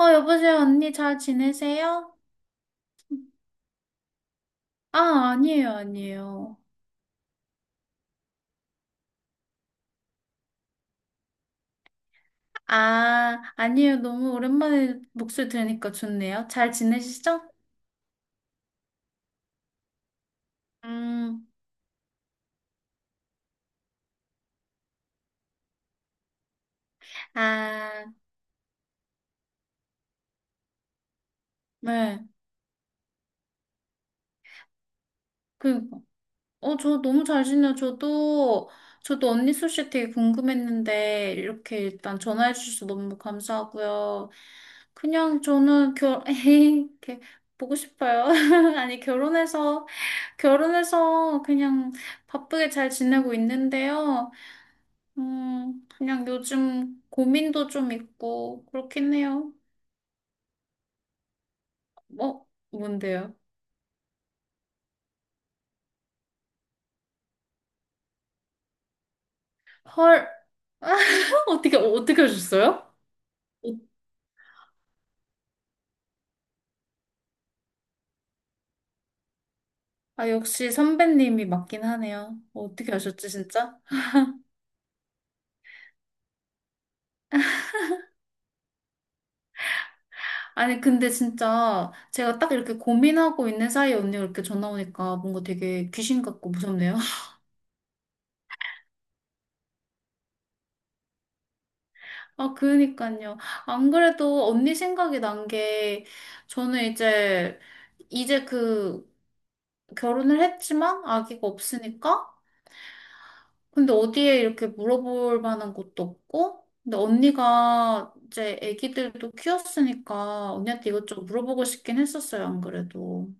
어, 여보세요, 언니 잘 지내세요? 아, 아니에요, 아니에요. 아, 아니에요. 너무 오랜만에 목소리 들으니까 좋네요. 잘 지내시죠? 음, 아, 네. 그, 저 너무 잘 지내요. 저도 언니 소식 되게 궁금했는데, 이렇게 일단 전화해 주셔서 너무 감사하고요. 그냥 저는 이렇게 보고 싶어요. 아니, 결혼해서 그냥 바쁘게 잘 지내고 있는데요. 그냥 요즘 고민도 좀 있고 그렇긴 해요. 뭔데요? 헐, 어떻게 하셨어요? 아, 역시 선배님이 맞긴 하네요. 어떻게 아셨지, 진짜? 아니, 근데 진짜 제가 딱 이렇게 고민하고 있는 사이에 언니가 이렇게 전화 오니까 뭔가 되게 귀신 같고 무섭네요. 아, 그니까요. 안 그래도 언니 생각이 난 게, 저는 이제 결혼을 했지만 아기가 없으니까? 근데 어디에 이렇게 물어볼 만한 것도 없고? 근데 언니가 이제 아기들도 키웠으니까 언니한테 이것저것 물어보고 싶긴 했었어요, 안 그래도.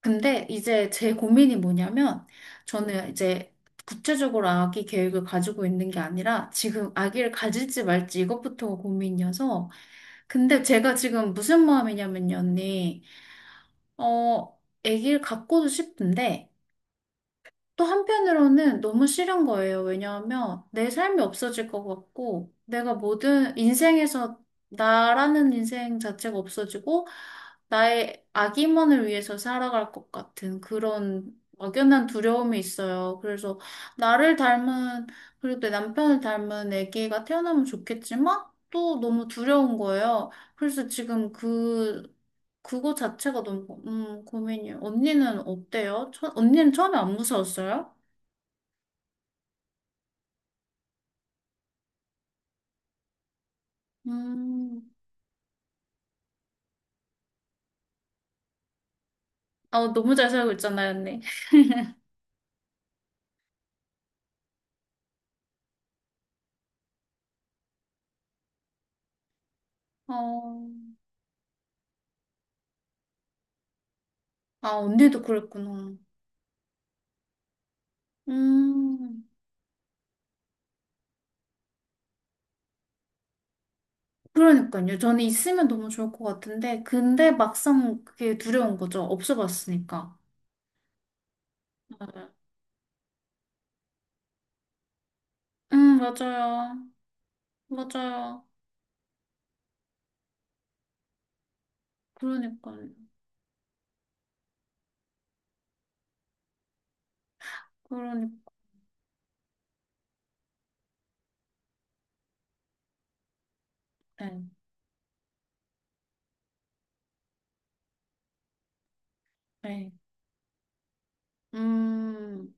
근데 이제 제 고민이 뭐냐면, 저는 이제 구체적으로 아기 계획을 가지고 있는 게 아니라, 지금 아기를 가질지 말지 이것부터가 고민이어서, 근데 제가 지금 무슨 마음이냐면요, 언니. 아기를 갖고도 싶은데, 또 한편으로는 너무 싫은 거예요. 왜냐하면 내 삶이 없어질 것 같고, 내가 모든 인생에서 나라는 인생 자체가 없어지고, 나의 아기만을 위해서 살아갈 것 같은 그런 막연한 두려움이 있어요. 그래서 나를 닮은, 그리고 내 남편을 닮은 애기가 태어나면 좋겠지만, 또 너무 두려운 거예요. 그래서 지금 그거 자체가 너무, 고민이에요. 언니는 어때요? 언니는 처음에 안 무서웠어요? 음. 아, 너무 잘 살고 있잖아요, 언니. 어. 아, 언니도 그랬구나. 음. 그러니까요. 저는 있으면 너무 좋을 것 같은데, 근데 막상 그게 두려운 거죠. 없어봤으니까. 맞아요. 맞아요. 맞아요. 그러니까요. 그러니까. 네. 네. 음.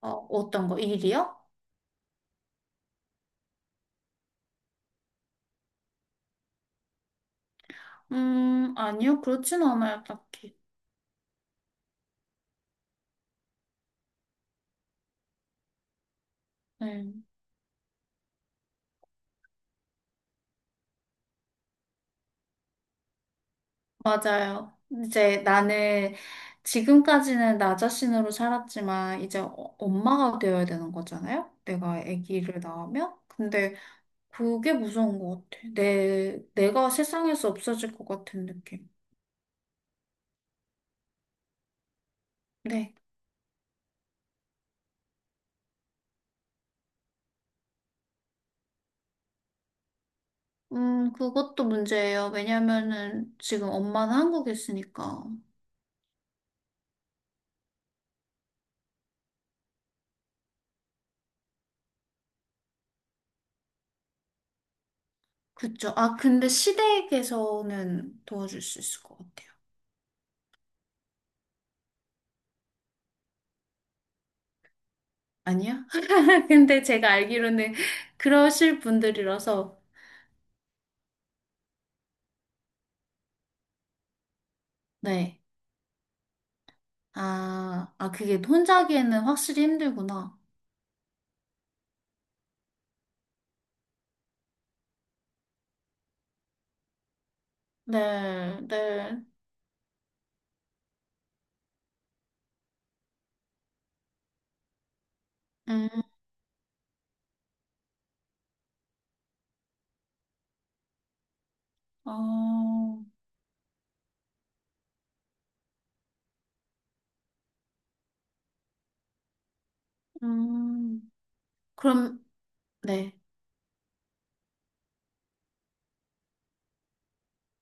어떤 거? 일이요? 아니요. 그렇진 않아요, 딱히. 네. 맞아요. 이제 나는 지금까지는 나 자신으로 살았지만 이제 엄마가 되어야 되는 거잖아요. 내가 아기를 낳으면. 근데 그게 무서운 것 같아. 내가 세상에서 없어질 것 같은 느낌. 네. 그것도 문제예요. 왜냐면은 지금 엄마는 한국에 있으니까. 그쵸. 아, 근데 시댁에서는 도와줄 수 있을 것 같아요. 아니야? 근데 제가 알기로는 그러실 분들이라서. 네. 아, 아, 그게 혼자 하기에는 확실히 힘들구나. 네, 네. 음, 어, 음, 그럼, 네,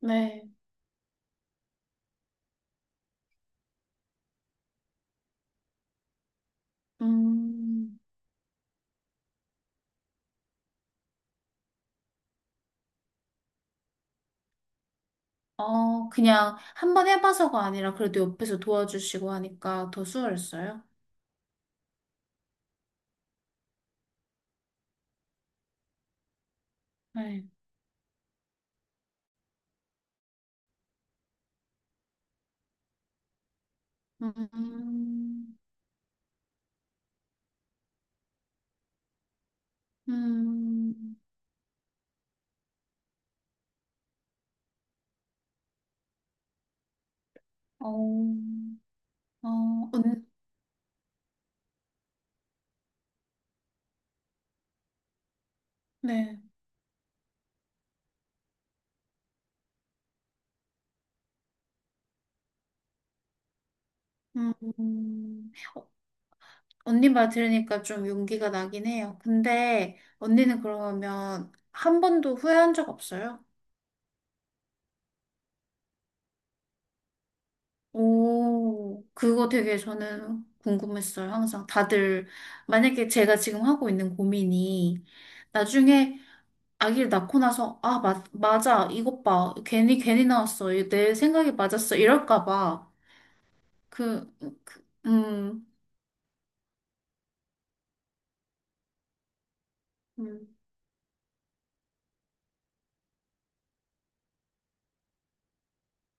네. 음, 그냥 한번 해봐서가 아니라 그래도 옆에서 도와주시고 하니까 더 수월했어요. 네. 음, 음, 어, 어, 네. 음, 언니 말 들으니까 좀 용기가 나긴 해요. 근데 언니는 그러면 한 번도 후회한 적 없어요? 오, 그거 되게 저는 궁금했어요. 항상 다들 만약에 제가 지금 하고 있는 고민이 나중에 아기를 낳고 나서 아, 맞아. 이것 봐. 괜히 괜히 나왔어. 이내 생각이 맞았어. 이럴까 봐. 그, 그 음,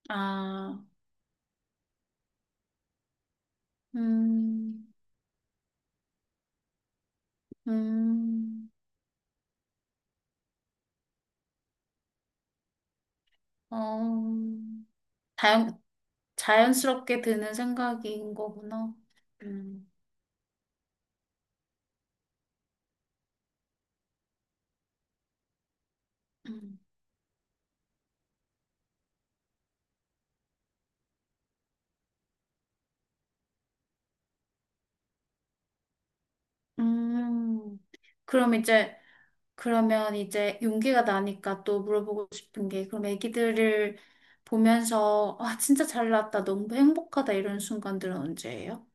아, 음, 음, 어. 다양, 자연스럽게 드는 생각인 거구나. 음, 음, 음. 그럼 이제, 그러면 이제 용기가 나니까 또 물어보고 싶은 게, 그럼 애기들을 보면서, 아, 진짜 잘 나왔다. 너무 행복하다. 이런 순간들은 언제예요?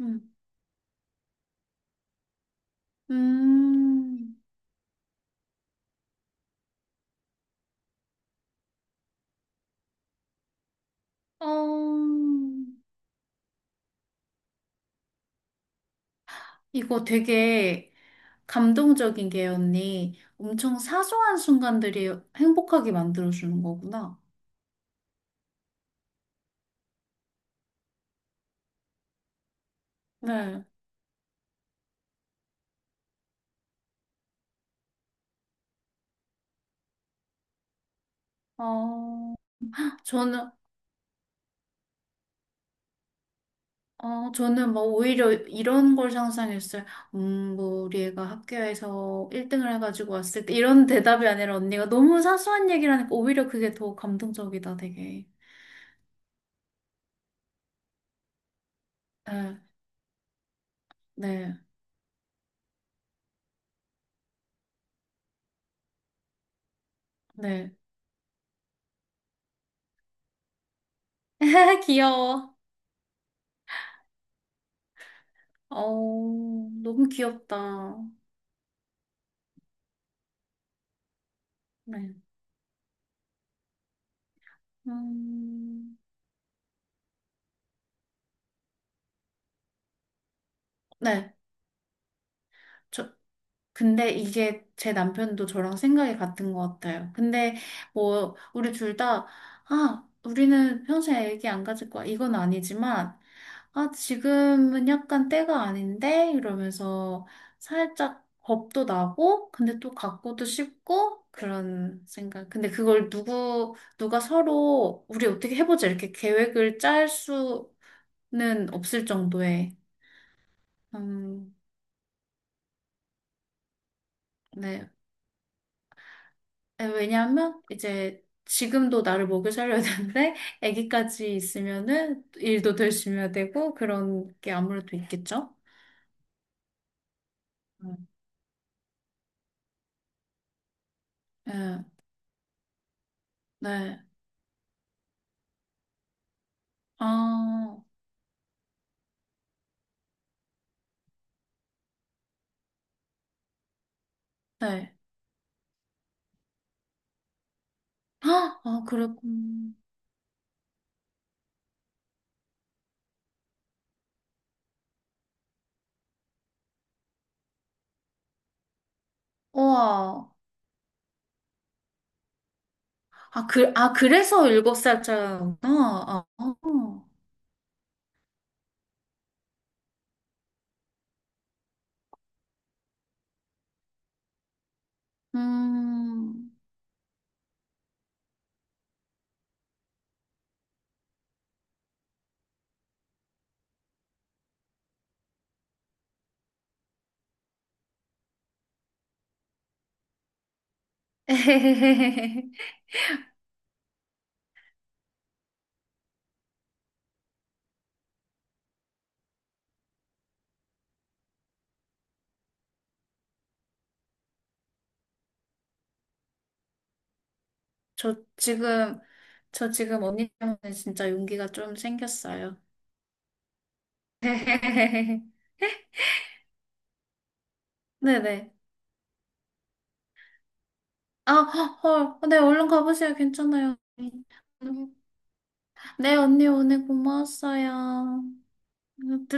음, 음, 어, 이거 되게 감동적인 게, 언니. 엄청 사소한 순간들이 행복하게 만들어주는 거구나. 네. 어. 저는 저는 뭐 오히려 이런 걸 상상했어요. 뭐 우리 애가 학교에서 1등을 해가지고 왔을 때 이런 대답이 아니라 언니가 너무 사소한 얘기를 하니까 오히려 그게 더 감동적이다, 되게. 네, 네, 네. 귀여워. 어, 너무 귀엽다. 네. 음, 네. 저, 근데 이게 제 남편도 저랑 생각이 같은 것 같아요. 근데 뭐 우리 둘 다, 아, 우리는 평생 애기 안 가질 거야. 이건 아니지만, 아, 지금은 약간 때가 아닌데? 이러면서 살짝 겁도 나고, 근데 또 갖고도 싶고, 그런 생각. 근데 그걸 누가 서로, 우리 어떻게 해보자. 이렇게 계획을 짤 수는 없을 정도의, 음, 네, 에, 왜냐하면 이제 지금도 나를 먹여 살려야 되는데 아기까지 있으면은 일도 열심히 야 되고 그런 게 아무래도 있겠죠? 음. 예, 네. 아, 네. 헉! 아, 그랬군. 우와. 아, 아, 그래서 일곱 살짜리구나. 아, 어. 음. 저 지금, 저 지금 언니 때문에 진짜 용기가 좀 생겼어요. 네네. 아, 헐. 네, 얼른 가보세요. 괜찮아요. 네, 언니, 오늘 고마웠어요.